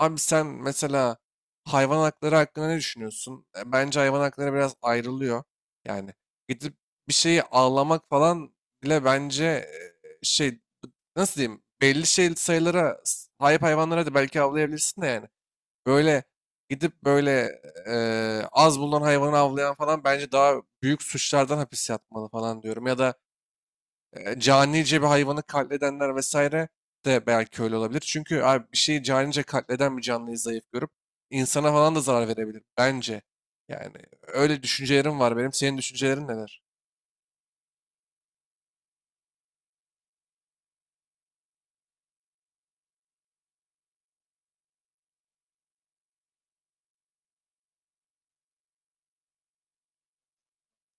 Abi sen mesela hayvan hakları hakkında ne düşünüyorsun? Bence hayvan hakları biraz ayrılıyor. Yani gidip bir şeyi ağlamak falan bile bence nasıl diyeyim belli şey sayılara sahip hayvanlara da belki avlayabilirsin de yani. Böyle gidip böyle e, az bulunan hayvanı avlayan falan bence daha büyük suçlardan hapis yatmalı falan diyorum. Ya da canice bir hayvanı katledenler vesaire de belki öyle olabilir. Çünkü abi bir şeyi canice katleden bir canlıyı zayıf görüp insana falan da zarar verebilir bence. Yani öyle düşüncelerim var benim. Senin düşüncelerin neler?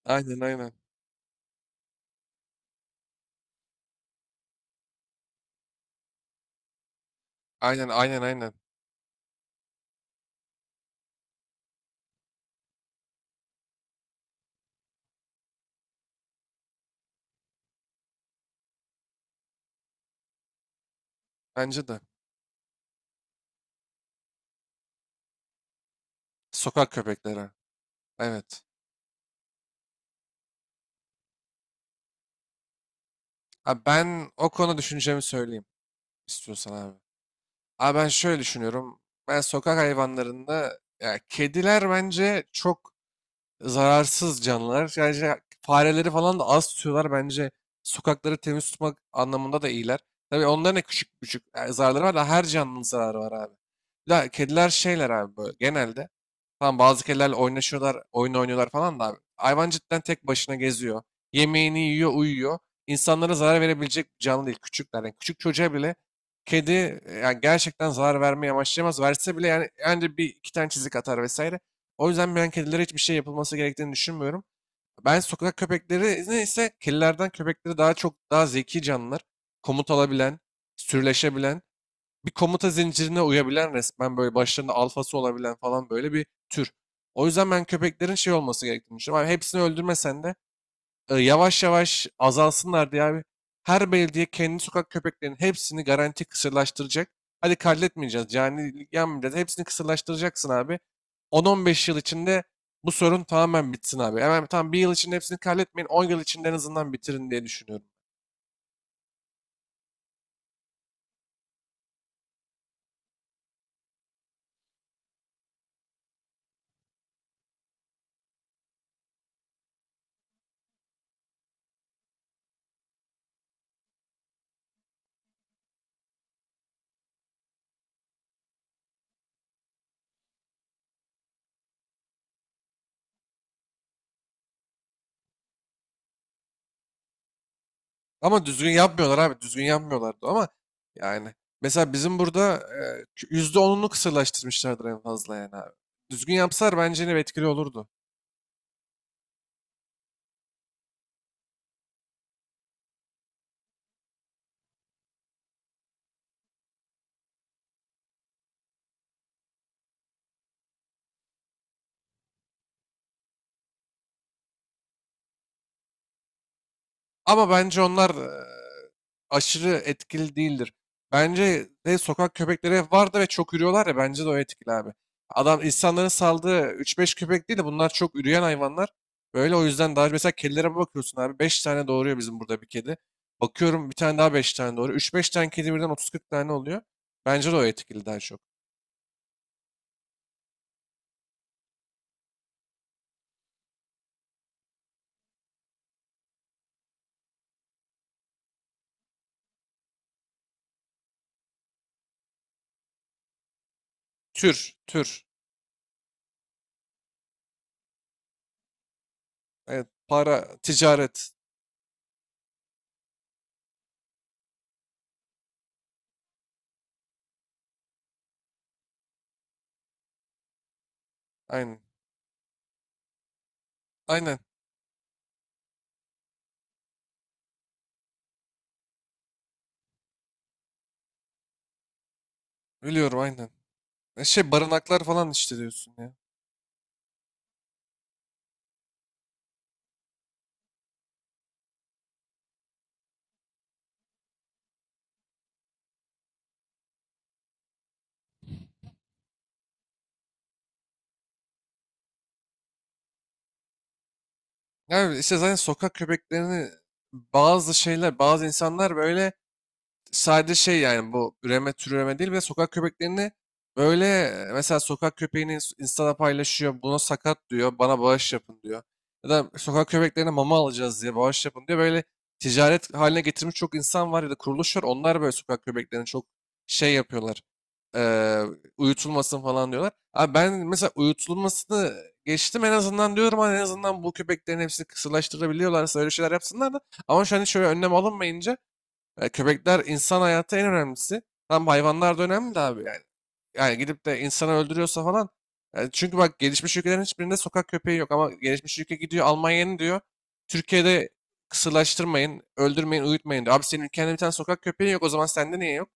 Aynen, aynen. Aynen, aynen, aynen. Bence de. Sokak köpekleri. Evet. Abi ben o konu düşüncemi söyleyeyim istiyorsan abi. Abi ben şöyle düşünüyorum. Ben sokak hayvanlarında ya kediler bence çok zararsız canlılar. Yani fareleri falan da az tutuyorlar bence. Sokakları temiz tutmak anlamında da iyiler. Tabii onların da küçük küçük zararları var da her canlının zararı var abi. La kediler şeyler abi böyle genelde. Tamam, bazı kedilerle oynaşıyorlar, oyun oynuyorlar falan da abi. Hayvan cidden tek başına geziyor. Yemeğini yiyor, uyuyor. İnsanlara zarar verebilecek bir canlı değil. Küçükler. Yani küçük çocuğa bile kedi yani gerçekten zarar vermeye amaçlayamaz. Verse bile yani bir iki tane çizik atar vesaire. O yüzden ben kedilere hiçbir şey yapılması gerektiğini düşünmüyorum. Ben sokak köpekleri ise kedilerden köpekleri daha çok daha zeki canlılar. Komut alabilen, sürüleşebilen, bir komuta zincirine uyabilen, resmen böyle başlarında alfası olabilen falan böyle bir tür. O yüzden ben köpeklerin şey olması gerektiğini düşünüyorum. Abi hepsini öldürmesen de yavaş yavaş azalsınlar diye abi her belediye kendi sokak köpeklerinin hepsini garanti kısırlaştıracak. Hadi katletmeyeceğiz. Yani yanmayacağız. Hepsini kısırlaştıracaksın abi. 10-15 yıl içinde bu sorun tamamen bitsin abi. Hemen tam bir yıl içinde hepsini katletmeyin. 10 yıl içinde en azından bitirin diye düşünüyorum. Ama düzgün yapmıyorlar abi. Düzgün yapmıyorlardı ama yani mesela bizim burada %10'unu kısırlaştırmışlardır en fazla yani abi. Düzgün yapsalar bence yine etkili olurdu. Ama bence onlar aşırı etkili değildir. Bence de sokak köpekleri vardı ve çok ürüyorlar ya, bence de o etkili abi. Adam insanların saldığı 3-5 köpek değil de bunlar çok üreyen hayvanlar. Böyle o yüzden daha mesela kedilere bakıyorsun abi 5 tane doğuruyor bizim burada bir kedi. Bakıyorum bir tane daha 5 tane doğuruyor. 3-5 tane kedi birden 30-40 tane oluyor. Bence de o etkili daha çok. Tür, tür. Evet, para, ticaret. Aynen. Aynen. Biliyorum, aynen. Barınaklar falan işte diyorsun ya. Yani işte zaten sokak köpeklerini bazı şeyler, bazı insanlar böyle sadece şey yani bu üreme tür üreme değil, bir de sokak köpeklerini böyle mesela sokak köpeğini Insta'da paylaşıyor. Buna sakat diyor. Bana bağış yapın diyor. Ya da sokak köpeklerine mama alacağız diye bağış yapın diyor. Böyle ticaret haline getirmiş çok insan var ya da kuruluş var. Onlar böyle sokak köpeklerini çok şey yapıyorlar. Eee, Uyutulmasın falan diyorlar. Abi ben mesela uyutulmasını geçtim, en azından diyorum hani en azından bu köpeklerin hepsini kısırlaştırabiliyorlarsa öyle şeyler yapsınlar da. Ama şu an hiç öyle önlem alınmayınca köpekler insan hayatı en önemlisi. Tam hayvanlar da önemli de abi yani. Yani gidip de insanı öldürüyorsa falan. Çünkü bak, gelişmiş ülkelerin hiçbirinde sokak köpeği yok ama gelişmiş ülke gidiyor Almanya'nın diyor. Türkiye'de kısırlaştırmayın, öldürmeyin, uyutmayın diyor. Abi senin ülkende bir tane sokak köpeği yok, o zaman sende niye yok?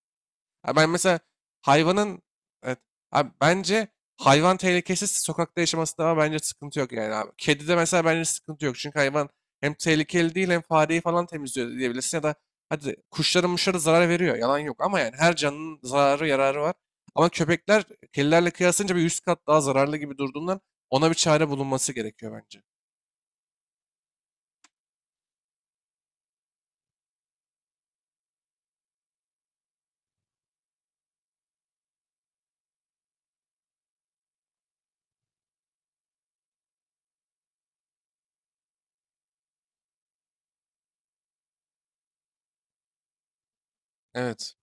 Ha, ben mesela hayvanın evet, abi bence hayvan tehlikesiz sokakta yaşaması ama bence sıkıntı yok yani abi. Kedi de mesela bence sıkıntı yok. Çünkü hayvan hem tehlikeli değil hem fareyi falan temizliyor diyebilirsin ya da hadi kuşların muşları zarar veriyor. Yalan yok ama yani her canlının zararı yararı var. Ama köpekler kedilerle kıyaslayınca bir 100 kat daha zararlı gibi durduğundan ona bir çare bulunması gerekiyor bence. Evet.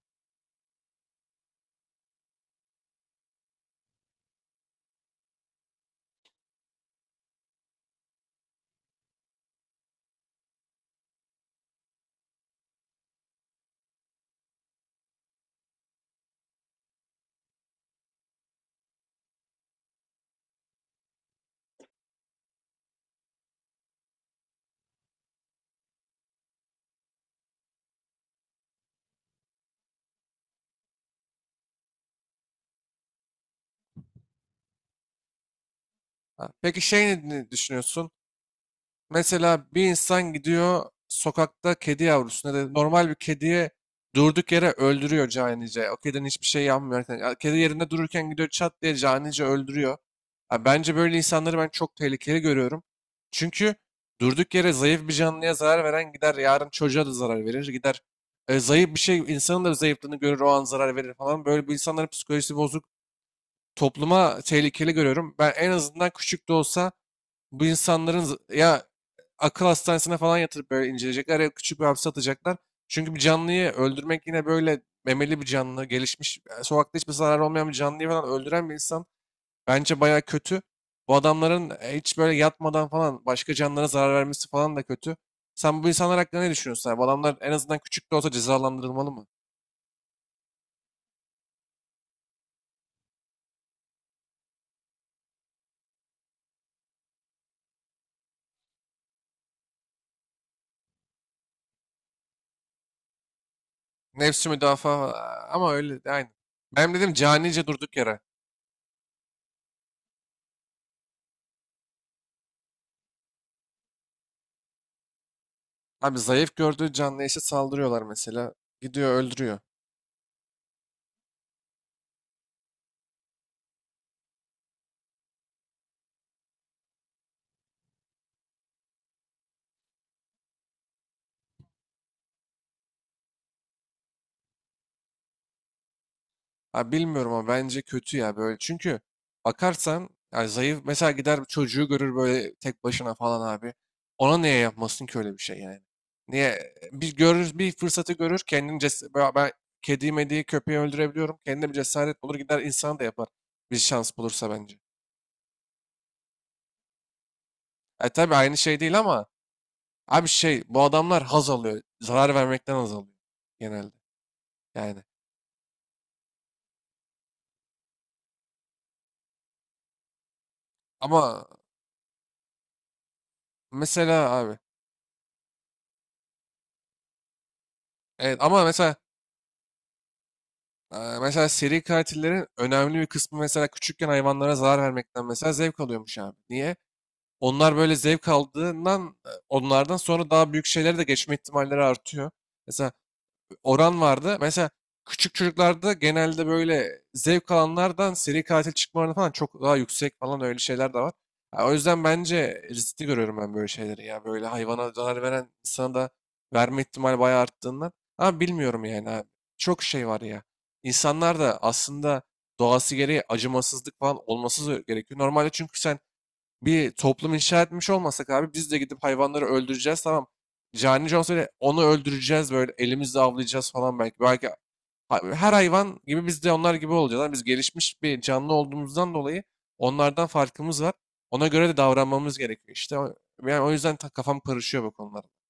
Ha, peki şey ne düşünüyorsun? Mesela bir insan gidiyor sokakta kedi yavrusunu ya da normal bir kediye durduk yere öldürüyor canice. O kedinin hiçbir şey yapmıyor. Yani, ya kedi yerinde dururken gidiyor çat diye canice öldürüyor. Ha, bence böyle insanları ben çok tehlikeli görüyorum. Çünkü durduk yere zayıf bir canlıya zarar veren gider yarın çocuğa da zarar verir. Gider zayıf bir şey insanın da zayıflığını görür o an zarar verir falan. Böyle bir insanların psikolojisi bozuk. Topluma tehlikeli görüyorum. Ben en azından küçük de olsa bu insanların ya akıl hastanesine falan yatırıp böyle inceleyecekler ya küçük bir hapse atacaklar. Çünkü bir canlıyı öldürmek yine böyle memeli bir canlı, gelişmiş, sokakta hiçbir zarar olmayan bir canlıyı falan öldüren bir insan bence bayağı kötü. Bu adamların hiç böyle yatmadan falan başka canlılara zarar vermesi falan da kötü. Sen bu insanlar hakkında ne düşünüyorsun, abi? Bu adamlar en azından küçük de olsa cezalandırılmalı mı? Nefsi müdafaa ama öyle de aynı. Ben dedim canice durduk yere. Abi zayıf gördüğü canlıya işte saldırıyorlar mesela. Gidiyor öldürüyor. Ha, bilmiyorum ama bence kötü ya böyle. Çünkü bakarsan ya zayıf mesela gider çocuğu görür böyle tek başına falan abi. Ona niye yapmasın ki öyle bir şey yani? Niye bir görür bir fırsatı görür kendini ces ben kedi mediyi köpeği öldürebiliyorum. Kendine bir cesaret bulur gider insan da yapar. Bir şans bulursa bence. Tabii aynı şey değil ama abi şey bu adamlar haz alıyor. Zarar vermekten haz alıyor genelde yani. Ama mesela abi, evet, ama mesela seri katillerin önemli bir kısmı mesela küçükken hayvanlara zarar vermekten mesela zevk alıyormuş abi. Niye? Onlar böyle zevk aldığından onlardan sonra daha büyük şeylere de geçme ihtimalleri artıyor. Mesela oran vardı. Mesela küçük çocuklarda genelde böyle zevk alanlardan seri katil çıkma oranı falan çok daha yüksek falan öyle şeyler de var. Ha, o yüzden bence riskli görüyorum ben böyle şeyleri ya. Böyle hayvana zarar veren insana da verme ihtimali bayağı arttığından. Ama bilmiyorum yani abi. Çok şey var ya. İnsanlar da aslında doğası gereği acımasızlık falan olması gerekiyor. Normalde çünkü sen bir toplum inşa etmiş olmasak abi biz de gidip hayvanları öldüreceğiz tamam. Cani Jones öyle onu öldüreceğiz böyle elimizle avlayacağız falan belki. Belki her hayvan gibi biz de onlar gibi olacağız. Ama biz gelişmiş bir canlı olduğumuzdan dolayı onlardan farkımız var. Ona göre de davranmamız gerekiyor işte. Yani o yüzden kafam karışıyor bu konulara.